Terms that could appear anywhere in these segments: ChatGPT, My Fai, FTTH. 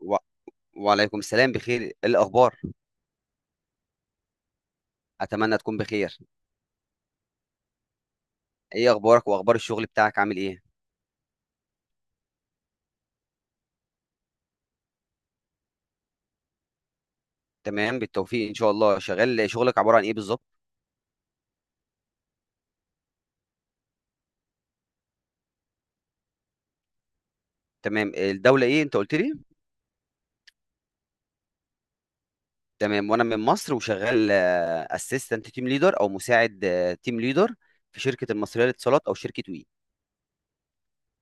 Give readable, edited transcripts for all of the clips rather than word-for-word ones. و... وعليكم السلام، بخير. إيه الاخبار؟ اتمنى تكون بخير. ايه اخبارك واخبار الشغل بتاعك، عامل ايه؟ تمام، بالتوفيق ان شاء الله. شغال، شغلك عباره عن ايه بالظبط؟ تمام، الدوله ايه انت قلت لي؟ تمام، وانا من مصر وشغال اسيستنت تيم ليدر او مساعد تيم ليدر في شركه المصريه للاتصالات او شركه وي.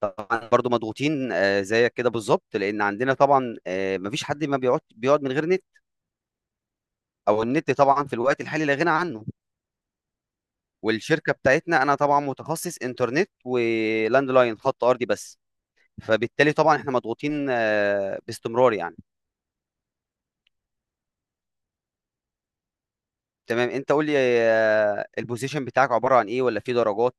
طبعا برضو مضغوطين زيك كده بالظبط، لان عندنا طبعا مفيش حد ما بيقعد من غير نت. او النت طبعا في الوقت الحالي لا غنى عنه. والشركه بتاعتنا انا طبعا متخصص انترنت ولاند لاين خط ارضي بس، فبالتالي طبعا احنا مضغوطين باستمرار يعني. تمام، انت قول لي، البوزيشن بتاعك عباره عن ايه ولا في درجات؟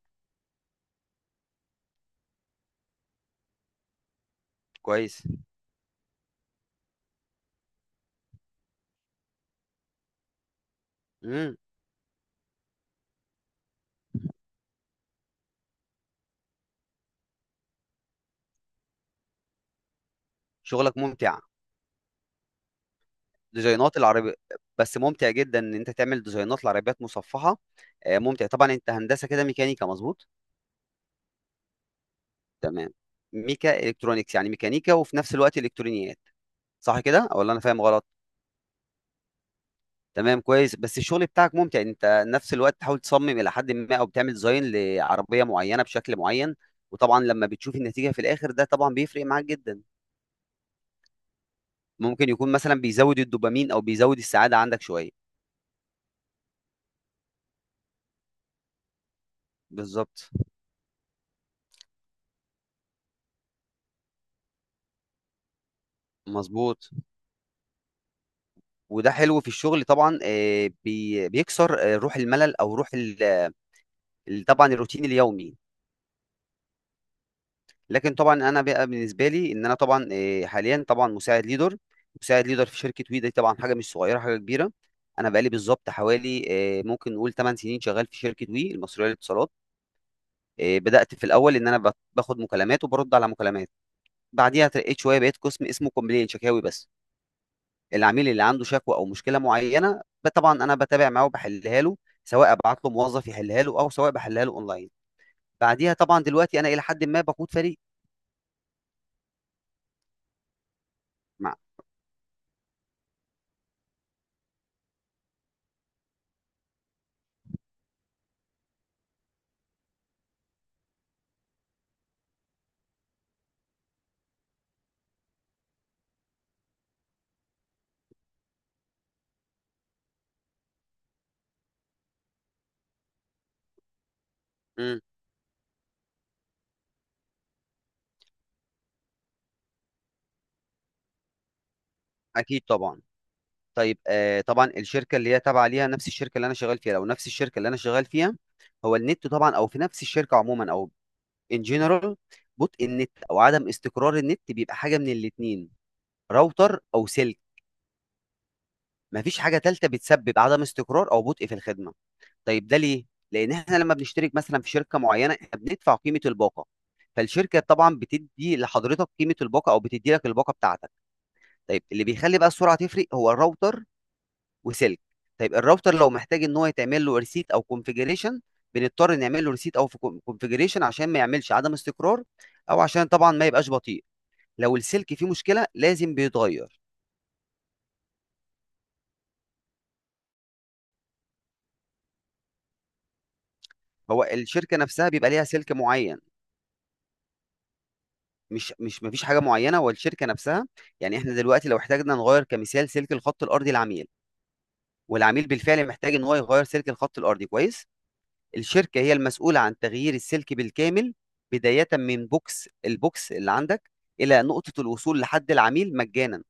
كويس. امم شغلك ممتع. ديزاينات العربي، بس ممتع جدا ان انت تعمل ديزاينات لعربيات مصفحه. ممتع طبعا. انت هندسه كده ميكانيكا، مظبوط؟ تمام. ميكا الكترونيكس، يعني ميكانيكا وفي نفس الوقت الكترونيات، صح كده ولا انا فاهم غلط؟ تمام، كويس. بس الشغل بتاعك ممتع، يعني انت نفس الوقت تحاول تصمم الى حد ما او بتعمل ديزاين لعربيه معينه بشكل معين. وطبعا لما بتشوف النتيجه في الاخر، ده طبعا بيفرق معاك جدا. ممكن يكون مثلا بيزود الدوبامين او بيزود السعاده عندك شويه. بالظبط. مظبوط. وده حلو في الشغل طبعا، بيكسر روح الملل او روح طبعا الروتين اليومي. لكن طبعا انا بقى بالنسبه لي، ان انا طبعا حاليا طبعا مساعد ليدر، مساعد ليدر في شركه وي، دي طبعا حاجه مش صغيره، حاجه كبيره. انا بقالي بالظبط حوالي، ممكن نقول 8 سنين شغال في شركه وي المصريه للاتصالات. بدات في الاول ان انا باخد مكالمات وبرد على مكالمات. بعديها ترقيت شويه، بقيت قسم اسمه كومبلين، شكاوي بس. العميل اللي عنده شكوى او مشكله معينه، طبعا انا بتابع معاه وبحلها له، سواء ابعت له موظف يحلها له او سواء بحلها له اونلاين. بعديها طبعا دلوقتي انا الى حد ما بقود فريق. مع. مم. اكيد طبعا. طيب طبعا الشركه اللي هي تابعه ليها، نفس الشركه اللي انا شغال فيها لو نفس الشركه اللي انا شغال فيها، هو النت طبعا او في نفس الشركه عموما او ان جنرال، بطء النت او عدم استقرار النت بيبقى حاجه من الاتنين: راوتر او سلك. مفيش حاجه ثالثه بتسبب عدم استقرار او بطء في الخدمه. طيب ده ليه؟ لان احنا لما بنشترك مثلا في شركه معينه احنا بندفع قيمه الباقه، فالشركه طبعا بتدي لحضرتك قيمه الباقه او بتدي لك الباقه بتاعتك. طيب اللي بيخلي بقى السرعه تفرق هو الراوتر وسلك. طيب الراوتر لو محتاج ان هو يتعمل له ريسيت او كونفيجريشن، بنضطر نعمل له ريسيت او كونفيجريشن عشان ما يعملش عدم استقرار، او عشان طبعا ما يبقاش بطيء. لو السلك فيه مشكله لازم بيتغير. هو الشركه نفسها بيبقى ليها سلك معين. مش مش مفيش حاجه معينه. والشركه نفسها، يعني احنا دلوقتي لو احتاجنا نغير كمثال سلك الخط الارضي، العميل والعميل بالفعل محتاج ان هو يغير سلك الخط الارضي، كويس، الشركة هي المسؤولة عن تغيير السلك بالكامل، بداية من بوكس، البوكس اللي عندك إلى نقطة الوصول لحد العميل مجانا.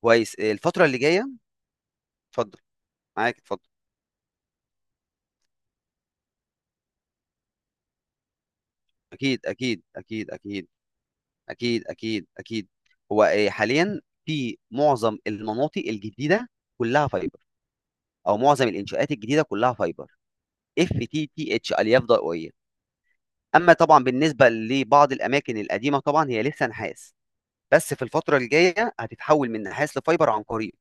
كويس، الفترة اللي جاية. اتفضل، معاك اتفضل. أكيد أكيد أكيد أكيد. أكيد أكيد أكيد. هو حاليا في معظم المناطق الجديدة كلها فايبر، أو معظم الإنشاءات الجديدة كلها فايبر، اف تي تي اتش، ألياف ضوئية. أما طبعا بالنسبة لبعض الأماكن القديمة طبعا هي لسه نحاس، بس في الفترة الجاية هتتحول من نحاس لفايبر عن قريب.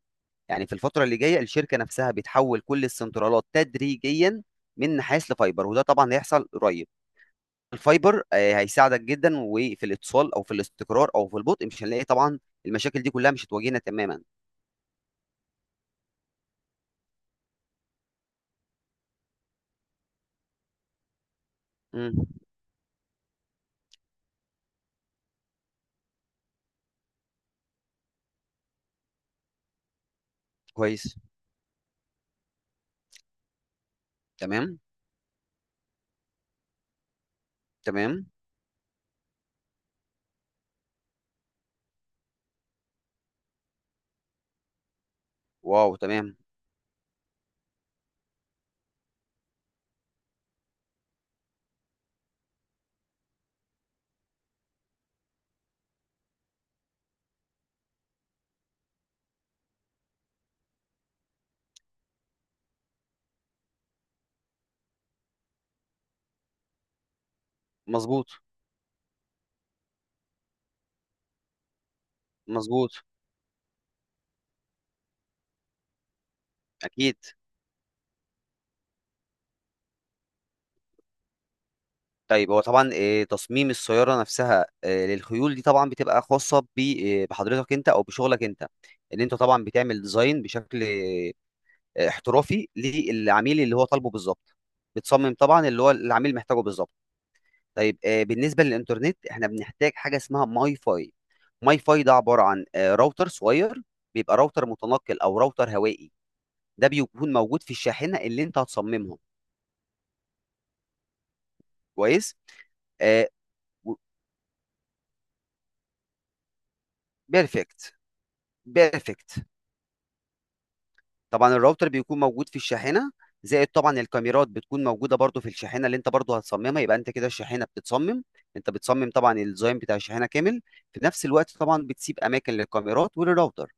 يعني في الفترة اللي جاية الشركة نفسها بتحول كل السنترالات تدريجيا من نحاس لفايبر، وده طبعا هيحصل قريب. الفايبر هيساعدك جدا، وفي الاتصال او في الاستقرار او في البطء مش هنلاقي طبعا المشاكل دي كلها، مش هتواجهنا تماما. مم. كويس. تمام. تمام. واو. تمام. مظبوط. مظبوط. اكيد. طيب هو طبعا تصميم السيارة نفسها للخيول دي طبعا بتبقى خاصة بحضرتك انت او بشغلك انت، ان انت طبعا بتعمل ديزاين بشكل احترافي للعميل اللي هو طالبه بالظبط، بتصمم طبعا اللي هو العميل محتاجه بالظبط. طيب بالنسبة للإنترنت احنا بنحتاج حاجة اسمها ماي فاي. ماي فاي ده عبارة عن راوتر صغير، بيبقى راوتر متنقل او راوتر هوائي، ده بيكون موجود في الشاحنة اللي انت هتصممها. كويس. بيرفكت. بيرفكت. طبعا الراوتر بيكون موجود في الشاحنه، زائد طبعا الكاميرات بتكون موجوده برضو في الشاحنه اللي انت برضو هتصممها. يبقى انت كده الشاحنه بتتصمم، انت بتصمم طبعا الديزاين بتاع الشاحنه كامل، في نفس الوقت طبعا بتسيب اماكن للكاميرات وللراوتر.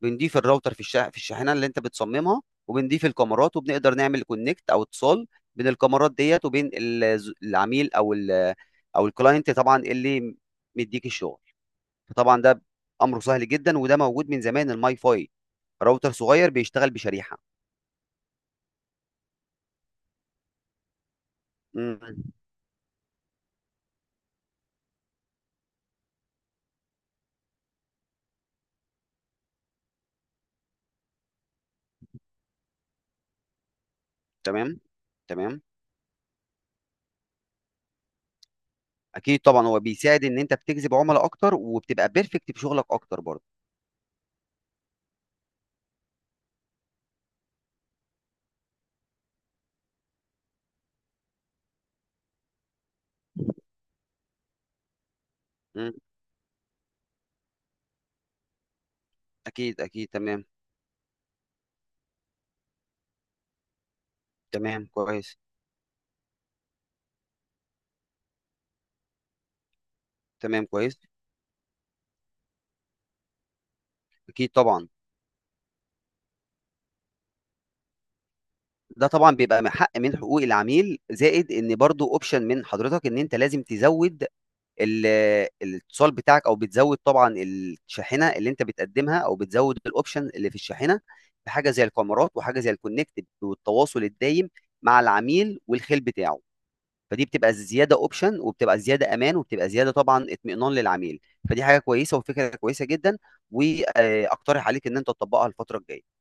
بنضيف الراوتر في في الشاحنه اللي انت بتصممها، وبنضيف الكاميرات، وبنقدر نعمل كونكت او اتصال بين الكاميرات ديت وبين العميل او او الكلاينت طبعا اللي مديك الشغل. فطبعا ده امره سهل جدا، وده موجود من زمان، الماي فاي راوتر صغير بيشتغل بشريحه. مم. تمام. تمام. اكيد طبعا هو بيساعد ان انت بتجذب عملاء اكتر، وبتبقى بيرفكت في شغلك اكتر برضه. مم. اكيد اكيد. تمام. تمام كويس. تمام كويس. اكيد طبعا. ده طبعا بيبقى من حق من حقوق العميل، زائد ان برضه اوبشن من حضرتك، ان انت لازم تزود ال- الاتصال بتاعك او بتزود طبعا الشاحنه اللي انت بتقدمها او بتزود الاوبشن اللي في الشاحنه، بحاجه زي الكاميرات وحاجه زي الكونكت والتواصل الدايم مع العميل والخيل بتاعه. فدي بتبقى زياده اوبشن، وبتبقى زياده امان، وبتبقى زياده طبعا اطمئنان للعميل. فدي حاجه كويسه وفكره كويسه جدا، واقترح عليك ان انت تطبقها الفتره الجايه.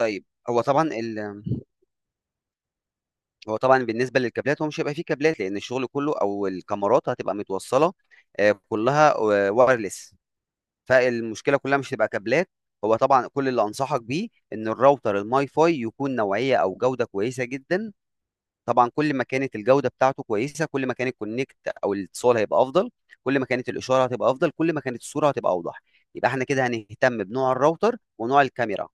طيب هو طبعا هو طبعا بالنسبه للكابلات، هو مش هيبقى فيه كابلات، لان الشغل كله او الكاميرات هتبقى متوصله كلها وايرلس. فالمشكله كلها مش هتبقى كابلات. هو طبعا كل اللي انصحك بيه ان الراوتر الماي فاي يكون نوعيه او جوده كويسه جدا. طبعا كل ما كانت الجوده بتاعته كويسه، كل ما كان الكونكت او الاتصال هيبقى افضل، كل ما كانت الاشاره هتبقى افضل، كل ما كانت الصوره هتبقى اوضح. يبقى احنا كده هنهتم بنوع الراوتر ونوع الكاميرا.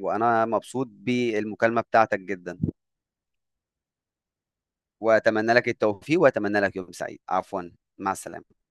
وانا مبسوط بالمكالمه بتاعتك جدا، واتمنى لك التوفيق، واتمنى لك يوم سعيد. عفوا، مع السلامه.